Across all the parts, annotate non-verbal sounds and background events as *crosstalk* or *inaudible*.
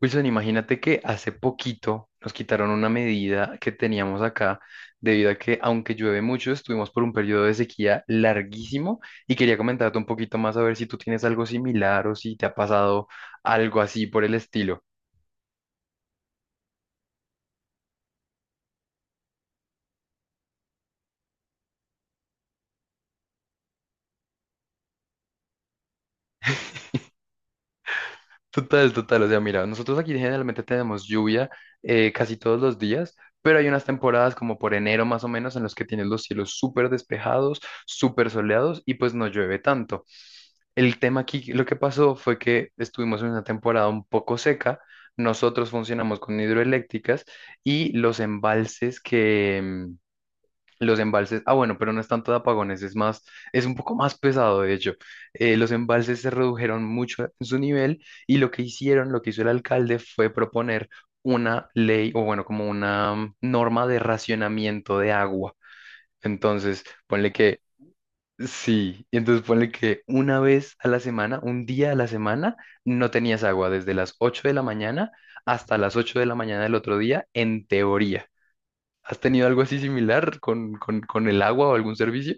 Wilson, imagínate que hace poquito nos quitaron una medida que teníamos acá debido a que aunque llueve mucho, estuvimos por un periodo de sequía larguísimo y quería comentarte un poquito más a ver si tú tienes algo similar o si te ha pasado algo así por el estilo. Total, total. O sea, mira, nosotros aquí generalmente tenemos lluvia casi todos los días, pero hay unas temporadas como por enero más o menos en los que tienes los cielos súper despejados, súper soleados y pues no llueve tanto. El tema aquí, lo que pasó fue que estuvimos en una temporada un poco seca. Nosotros funcionamos con hidroeléctricas y los embalses, ah bueno, pero no es tanto de apagones, es más, es un poco más pesado de hecho. Los embalses se redujeron mucho en su nivel y lo que hizo el alcalde fue proponer una ley o bueno, como una norma de racionamiento de agua. Entonces, ponle que, sí, y entonces ponle que una vez a la semana, un día a la semana, no tenías agua desde las 8 de la mañana hasta las 8 de la mañana del otro día, en teoría. ¿Has tenido algo así similar con, con el agua o algún servicio?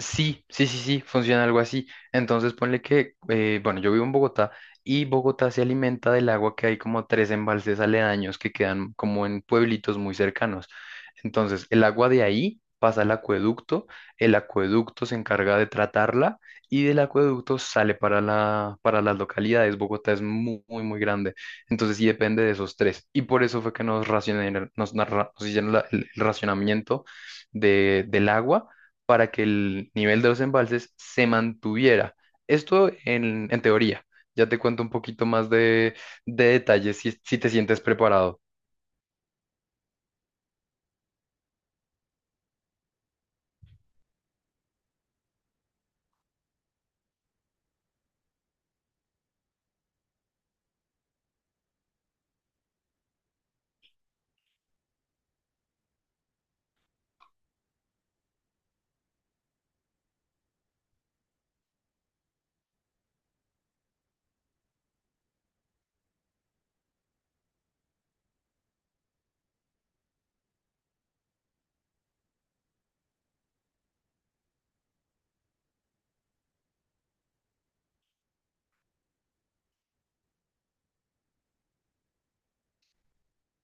Sí, sí, sí, sí, funciona algo así. Entonces ponle que, bueno, yo vivo en Bogotá y Bogotá se alimenta del agua que hay como tres embalses aledaños que quedan como en pueblitos muy cercanos. Entonces el agua de ahí pasa al acueducto, el acueducto se encarga de tratarla y del acueducto sale para para las localidades. Bogotá es muy, muy, muy grande. Entonces sí depende de esos tres. Y por eso fue que nos racionaron- nos, narra- nos hicieron el racionamiento de, del agua para que el nivel de los embalses se mantuviera. Esto en teoría. Ya te cuento un poquito más de detalles si, si te sientes preparado.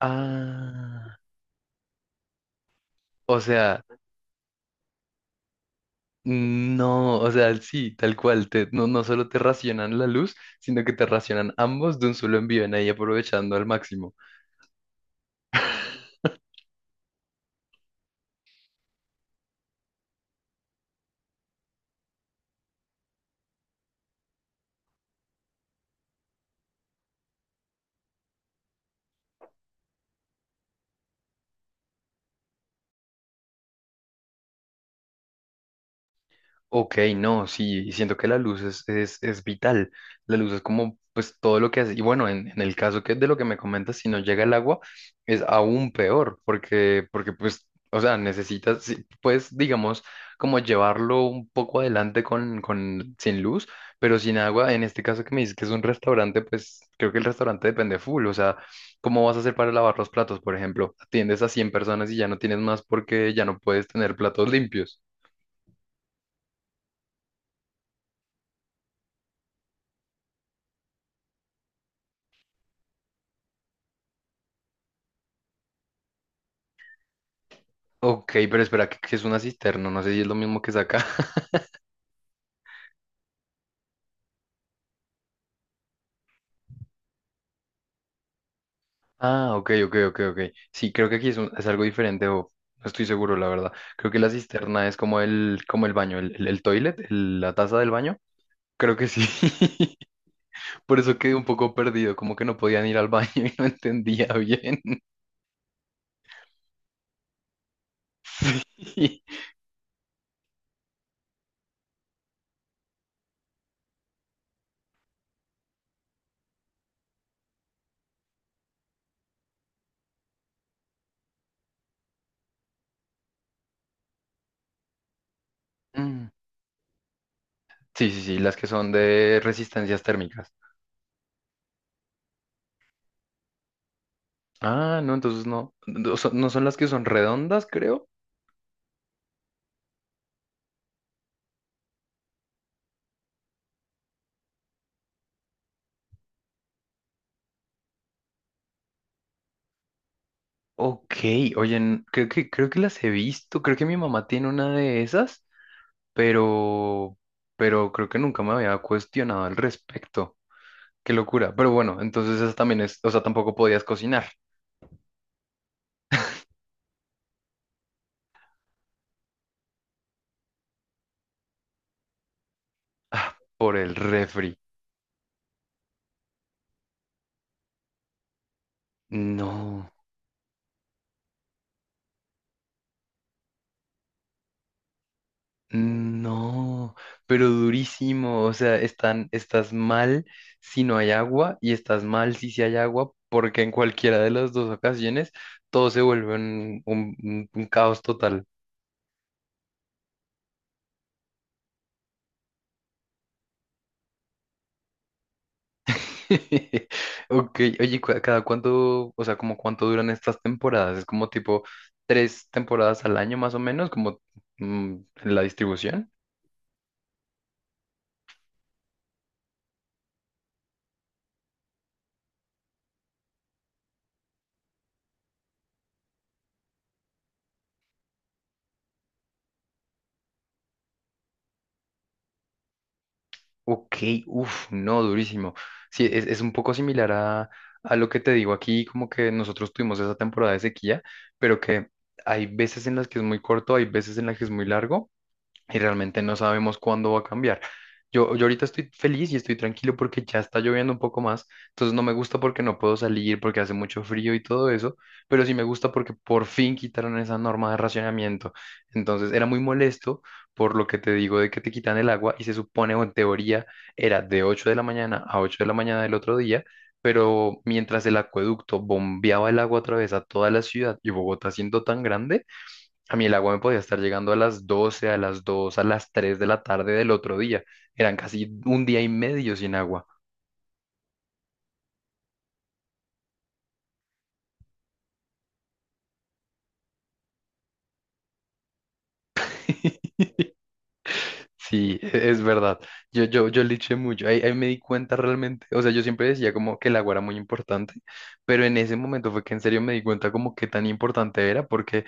Ah, o sea, no, o sea, sí, tal cual, no, no solo te racionan la luz, sino que te racionan ambos de un solo envío, en ahí aprovechando al máximo. Ok, no, sí, siento que la luz es vital. La luz es como, pues, todo lo que hace. Y bueno, en el caso que de lo que me comentas, si no llega el agua, es aún peor, porque pues, o sea, necesitas, sí, pues, digamos, como llevarlo un poco adelante con, sin luz, pero sin agua. En este caso que me dices que es un restaurante, pues, creo que el restaurante depende full. O sea, ¿cómo vas a hacer para lavar los platos, por ejemplo? Atiendes a 100 personas y ya no tienes más porque ya no puedes tener platos limpios. Ok, pero espera, que es una cisterna, no sé si es lo mismo que es acá. *laughs* Ah, ok, ok, ok, ok. Sí, creo que aquí es, es algo diferente o no estoy seguro, la verdad. Creo que la cisterna es como el baño, el toilet, la taza del baño. Creo que sí. *laughs* Por eso quedé un poco perdido, como que no podían ir al baño *laughs* y no entendía bien. *laughs* Mm, sí, sí, sí, las que son de resistencias térmicas. Ah, no, entonces no. No son no son las que son redondas, creo. Ok, oye, creo que las he visto, creo que mi mamá tiene una de esas, pero, pero creo que nunca me había cuestionado al respecto. Qué locura. Pero bueno, entonces esa también es, o sea, tampoco podías cocinar. Ah, por el refri. No, no, pero durísimo. O sea, están, estás mal si no hay agua y estás mal si sí hay agua, porque en cualquiera de las dos ocasiones todo se vuelve un un caos total. *laughs* Ok, oye, ¿cada cuánto, o sea, como cuánto duran estas temporadas? ¿Es como tipo tres temporadas al año más o menos, como mm, la distribución? Ok, uff, no, durísimo. Sí, es un poco similar a lo que te digo aquí, como que nosotros tuvimos esa temporada de sequía, pero que hay veces en las que es muy corto, hay veces en las que es muy largo. Y realmente no sabemos cuándo va a cambiar. Yo ahorita estoy feliz y estoy tranquilo porque ya está lloviendo un poco más, entonces no me gusta porque no puedo salir, porque hace mucho frío y todo eso, pero sí me gusta porque por fin quitaron esa norma de racionamiento. Entonces era muy molesto por lo que te digo de que te quitan el agua y se supone o en teoría era de 8 de la mañana a 8 de la mañana del otro día, pero mientras el acueducto bombeaba el agua a través a toda la ciudad y Bogotá siendo tan grande, a mí el agua me podía estar llegando a las 12, a las 2, a las 3 de la tarde del otro día. Eran casi un día y medio sin agua. Sí, es verdad. Yo liché mucho. Ahí, ahí me di cuenta realmente. O sea, yo siempre decía como que el agua era muy importante, pero en ese momento fue que en serio me di cuenta como que tan importante era porque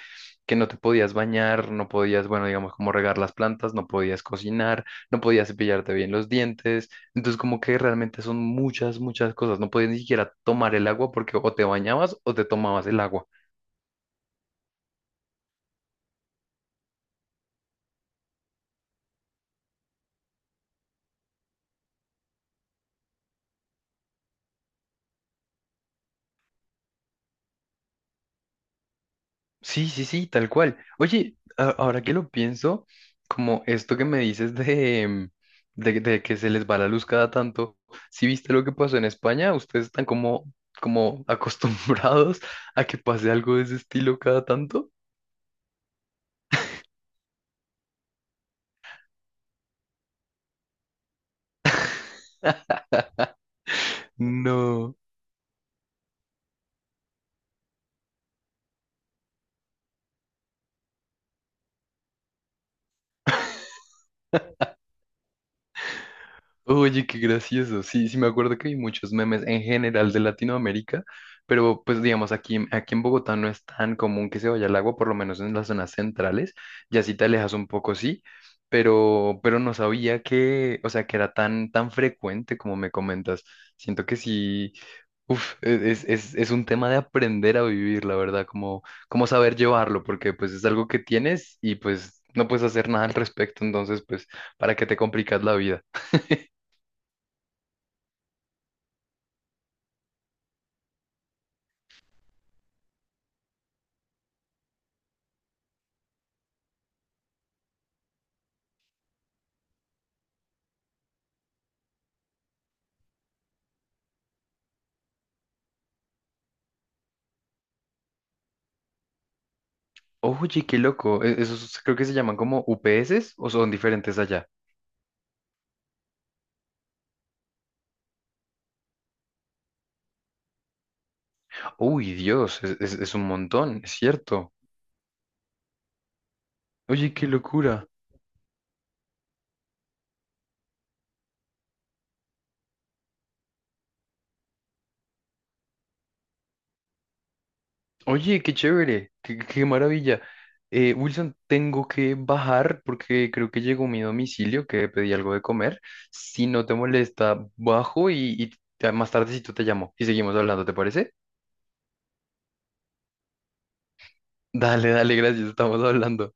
que no te podías bañar, no podías, bueno, digamos, como regar las plantas, no podías cocinar, no podías cepillarte bien los dientes. Entonces, como que realmente son muchas, muchas cosas. No podías ni siquiera tomar el agua porque o te bañabas o te tomabas el agua. Sí, sí, sí, tal cual. Oye, ahora que lo pienso, como esto que me dices de, de que se les va la luz cada tanto, ¿si viste lo que pasó en España? ¿Ustedes están como, como *laughs* acostumbrados a que pase algo de ese estilo cada tanto? No. Oye, qué gracioso. Sí, sí, me acuerdo que hay muchos memes en general de Latinoamérica, pero pues digamos, aquí, aquí en Bogotá no es tan común que se vaya al agua, por lo menos en las zonas centrales. Ya si te alejas un poco, sí, pero no sabía que, o sea, que era tan, tan frecuente como me comentas. Siento que sí, uf, es un tema de aprender a vivir, la verdad, como, como saber llevarlo, porque pues es algo que tienes y pues no puedes hacer nada al respecto, entonces pues, ¿para qué te complicas la vida? Oye, qué loco. Esos creo que se llaman como UPS o son diferentes allá. Uy, Dios, es un montón, es cierto. Oye, qué locura. Oye, qué chévere, qué, qué maravilla. Wilson, tengo que bajar porque creo que llegó mi domicilio, que pedí algo de comer. Si no te molesta, bajo y, más tardecito te llamo y seguimos hablando, ¿te parece? Dale, dale, gracias, estamos hablando.